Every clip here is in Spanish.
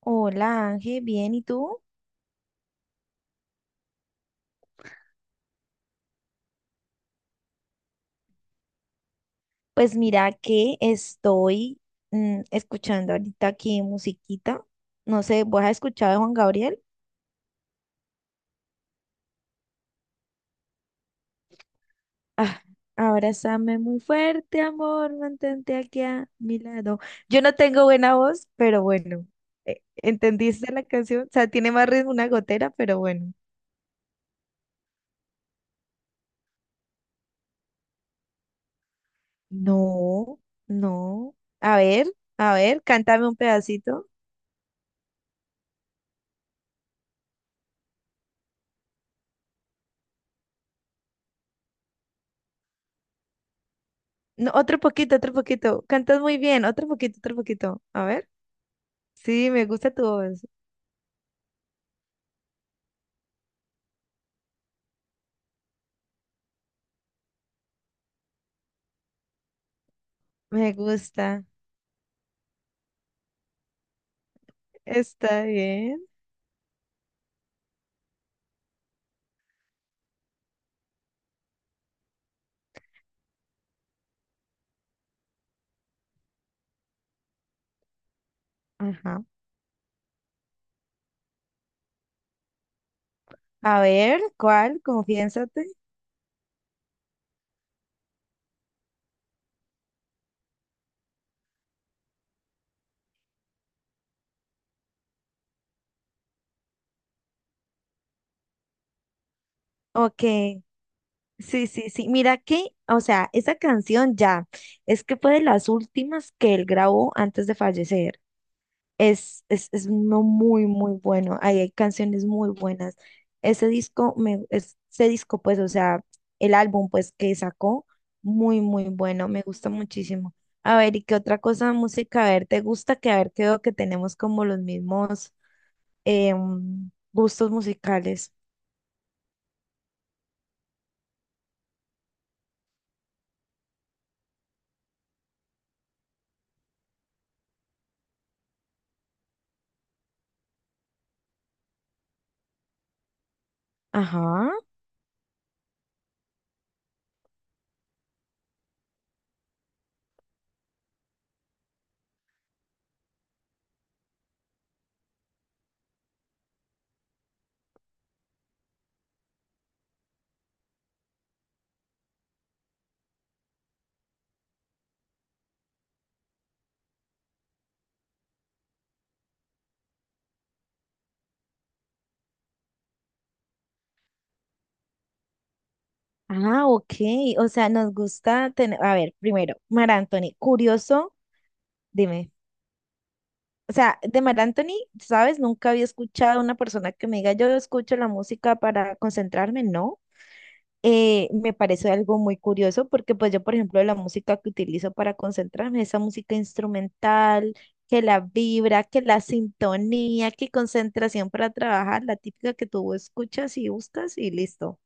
Hola Ángel, bien, ¿y tú? Pues mira que estoy escuchando ahorita aquí musiquita. No sé, ¿vos has escuchado de Juan Gabriel? Ah, abrázame muy fuerte, amor, mantente aquí a mi lado. Yo no tengo buena voz, pero bueno, ¿entendiste la canción? O sea, tiene más ritmo una gotera, pero bueno. No, no. A ver, a ver, cántame un pedacito. No, otro poquito, otro poquito. Cantas muy bien, otro poquito, otro poquito. A ver. Sí, me gusta tu voz. Me gusta. Está bien. Ajá. A ver, ¿cuál? Confiésate. Ok. Sí, sí, sí. Mira que, o sea, esa canción ya es que fue de las últimas que él grabó antes de fallecer. Es uno muy, muy bueno. Ahí hay canciones muy buenas. Ese disco, ese disco, pues, o sea, el álbum, pues, que sacó, muy, muy bueno. Me gusta muchísimo. A ver, ¿y qué otra cosa de música? A ver, ¿te gusta? Que a ver, creo que tenemos como los mismos gustos musicales. Ajá. Ah, ok. O sea, nos gusta tener. A ver, primero, Mara Anthony, curioso, dime. O sea, de Mar Anthony, ¿sabes? Nunca había escuchado a una persona que me diga, yo escucho la música para concentrarme, ¿no? Me parece algo muy curioso porque pues yo, por ejemplo, la música que utilizo para concentrarme, esa música instrumental, que la vibra, que la sintonía, que concentración para trabajar, la típica que tú escuchas y buscas y listo.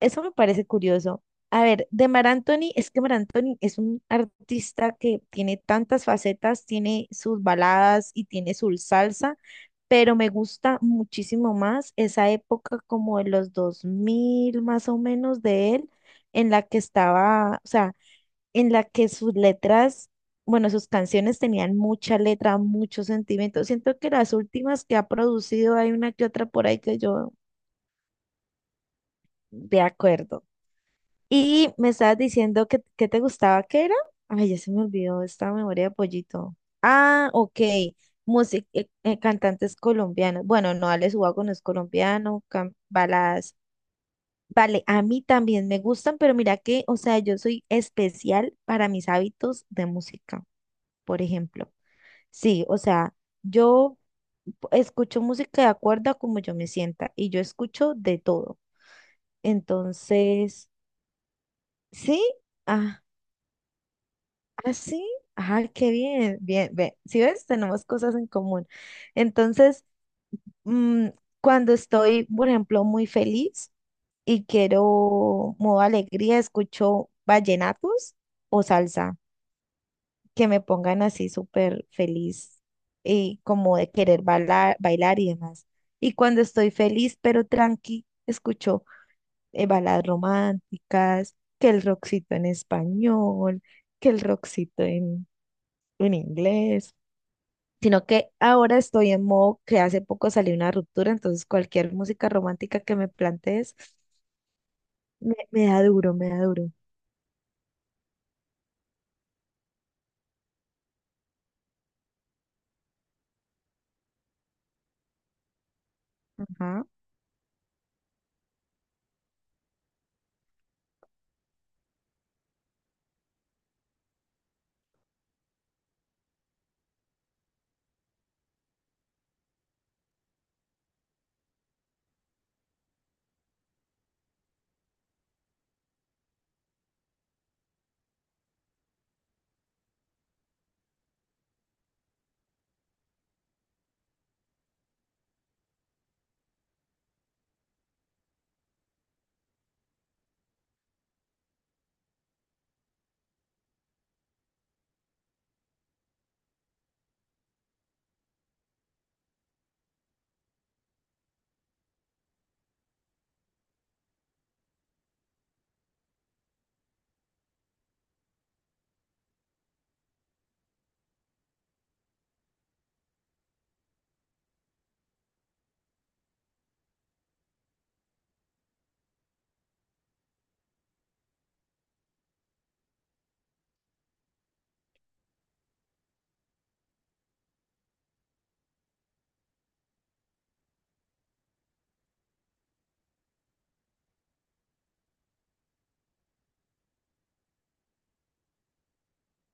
Eso me parece curioso. A ver, de Mar Anthony, es que Mar Anthony es un artista que tiene tantas facetas, tiene sus baladas y tiene su salsa, pero me gusta muchísimo más esa época como de los 2000 más o menos de él, en la que estaba, o sea, en la que sus letras, bueno, sus canciones tenían mucha letra, mucho sentimiento. Siento que las últimas que ha producido hay una que otra por ahí que yo, de acuerdo. Y me estabas diciendo que te gustaba, ¿qué era? Ay, ya se me olvidó esta memoria de pollito. Ah, ok. Música, cantantes colombianos. Bueno, no, Alex Ubago no es colombiano, baladas. Vale, a mí también me gustan, pero mira que, o sea, yo soy especial para mis hábitos de música, por ejemplo. Sí, o sea, yo escucho música de acuerdo a como yo me sienta y yo escucho de todo. Entonces, sí. ah, ¿Ah, sí? Ah, qué bien, bien, ve. Si ves, tenemos cosas en común. Entonces, mm, cuando estoy, por ejemplo, muy feliz y quiero modo alegría, escucho vallenatos o salsa, que me pongan así súper feliz y como de querer bailar, bailar y demás. Y cuando estoy feliz pero tranqui, escucho baladas románticas, que el rockcito en español, que el rockcito en inglés. Sino que ahora estoy en modo que hace poco salió una ruptura, entonces cualquier música romántica que me plantees me, me da duro, me da duro. Ajá.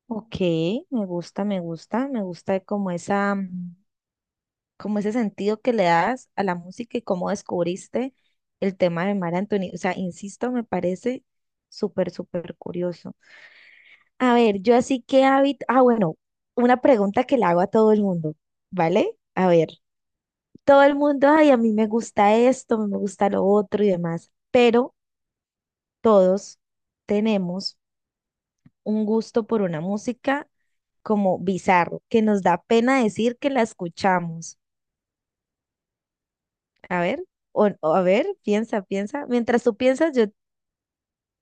Ok, me gusta, me gusta, me gusta como esa, como ese sentido que le das a la música y cómo descubriste el tema de Mar Anthony. O sea, insisto, me parece súper, súper curioso. A ver, yo así que hábito, ah, bueno, una pregunta que le hago a todo el mundo, ¿vale? A ver. Todo el mundo, ay, a mí me gusta esto, me gusta lo otro y demás, pero todos tenemos un gusto por una música como bizarro, que nos da pena decir que la escuchamos. A ver, o a ver, piensa, piensa. Mientras tú piensas, yo,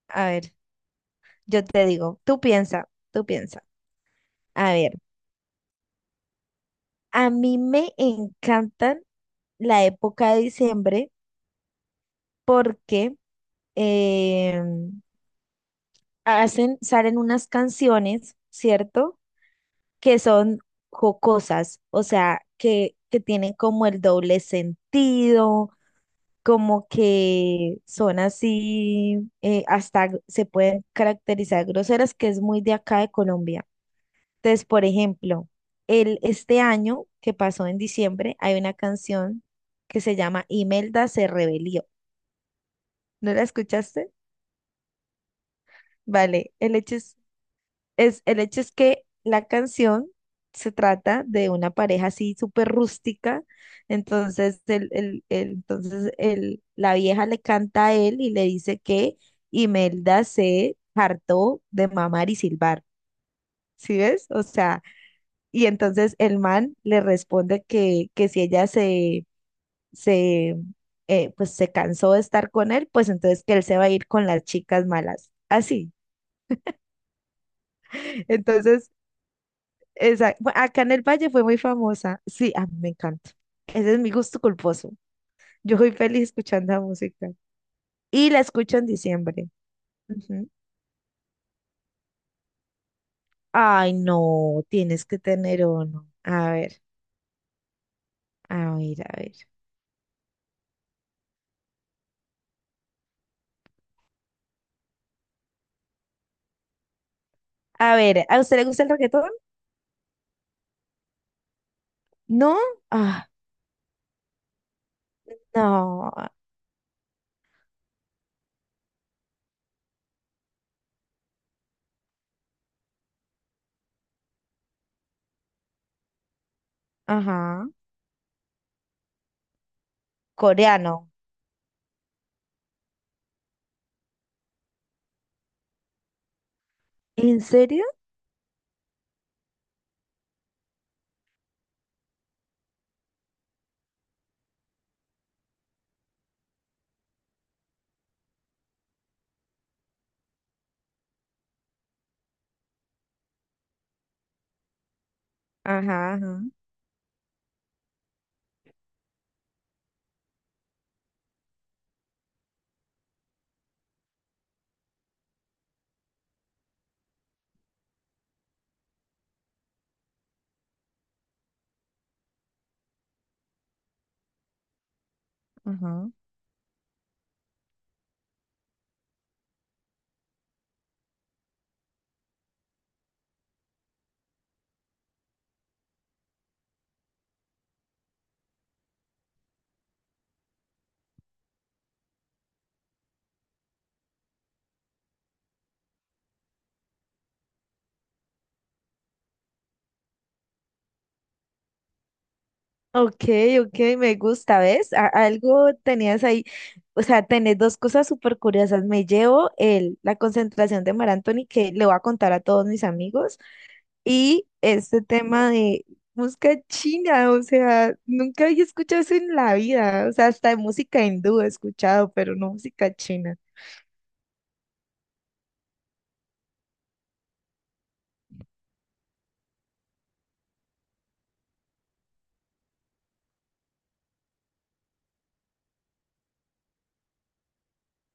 a ver, yo te digo, tú piensa, tú piensa. A ver, a mí me encantan la época de diciembre porque em, hacen, salen unas canciones, ¿cierto? Que son jocosas, o sea, que tienen como el doble sentido, como que son así, hasta se pueden caracterizar groseras, que es muy de acá de Colombia. Entonces, por ejemplo, el, este año que pasó en diciembre, hay una canción que se llama Imelda se rebelió. ¿No la escuchaste? Vale, el hecho es. Es, el hecho es que la canción se trata de una pareja así súper rústica, entonces, entonces el, la vieja le canta a él y le dice que Imelda se hartó de mamar y silbar, ¿sí ves? O sea, y entonces el man le responde que si ella se, pues se cansó de estar con él, pues entonces que él se va a ir con las chicas malas, así. Entonces, Acá en el Valle fue muy famosa. Sí, a mí me encanta. Ese es mi gusto culposo. Yo soy feliz escuchando la música. Y la escucho en diciembre. Ujú. Ay, no, tienes que tener uno. A ver, a ver, a ver. A ver, ¿a usted le gusta el reggaetón? ¿No? Ah, no. Ajá. Coreano. ¿En serio? Ajá, ajá, ajá. Ok, ok, me gusta, ¿ves? Algo tenías ahí, o sea, tenés dos cosas súper curiosas. Me llevo el, la concentración de Mar Anthony, que le voy a contar a todos mis amigos, y este tema de música china, o sea, nunca había escuchado eso en la vida, o sea, hasta de música hindú he escuchado, pero no música china.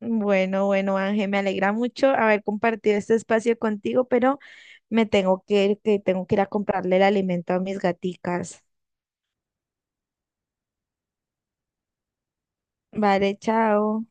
Bueno, bueno, Ángel, me alegra mucho haber compartido este espacio contigo, pero me tengo que ir, que tengo que ir a comprarle el alimento a mis gaticas. Vale, chao.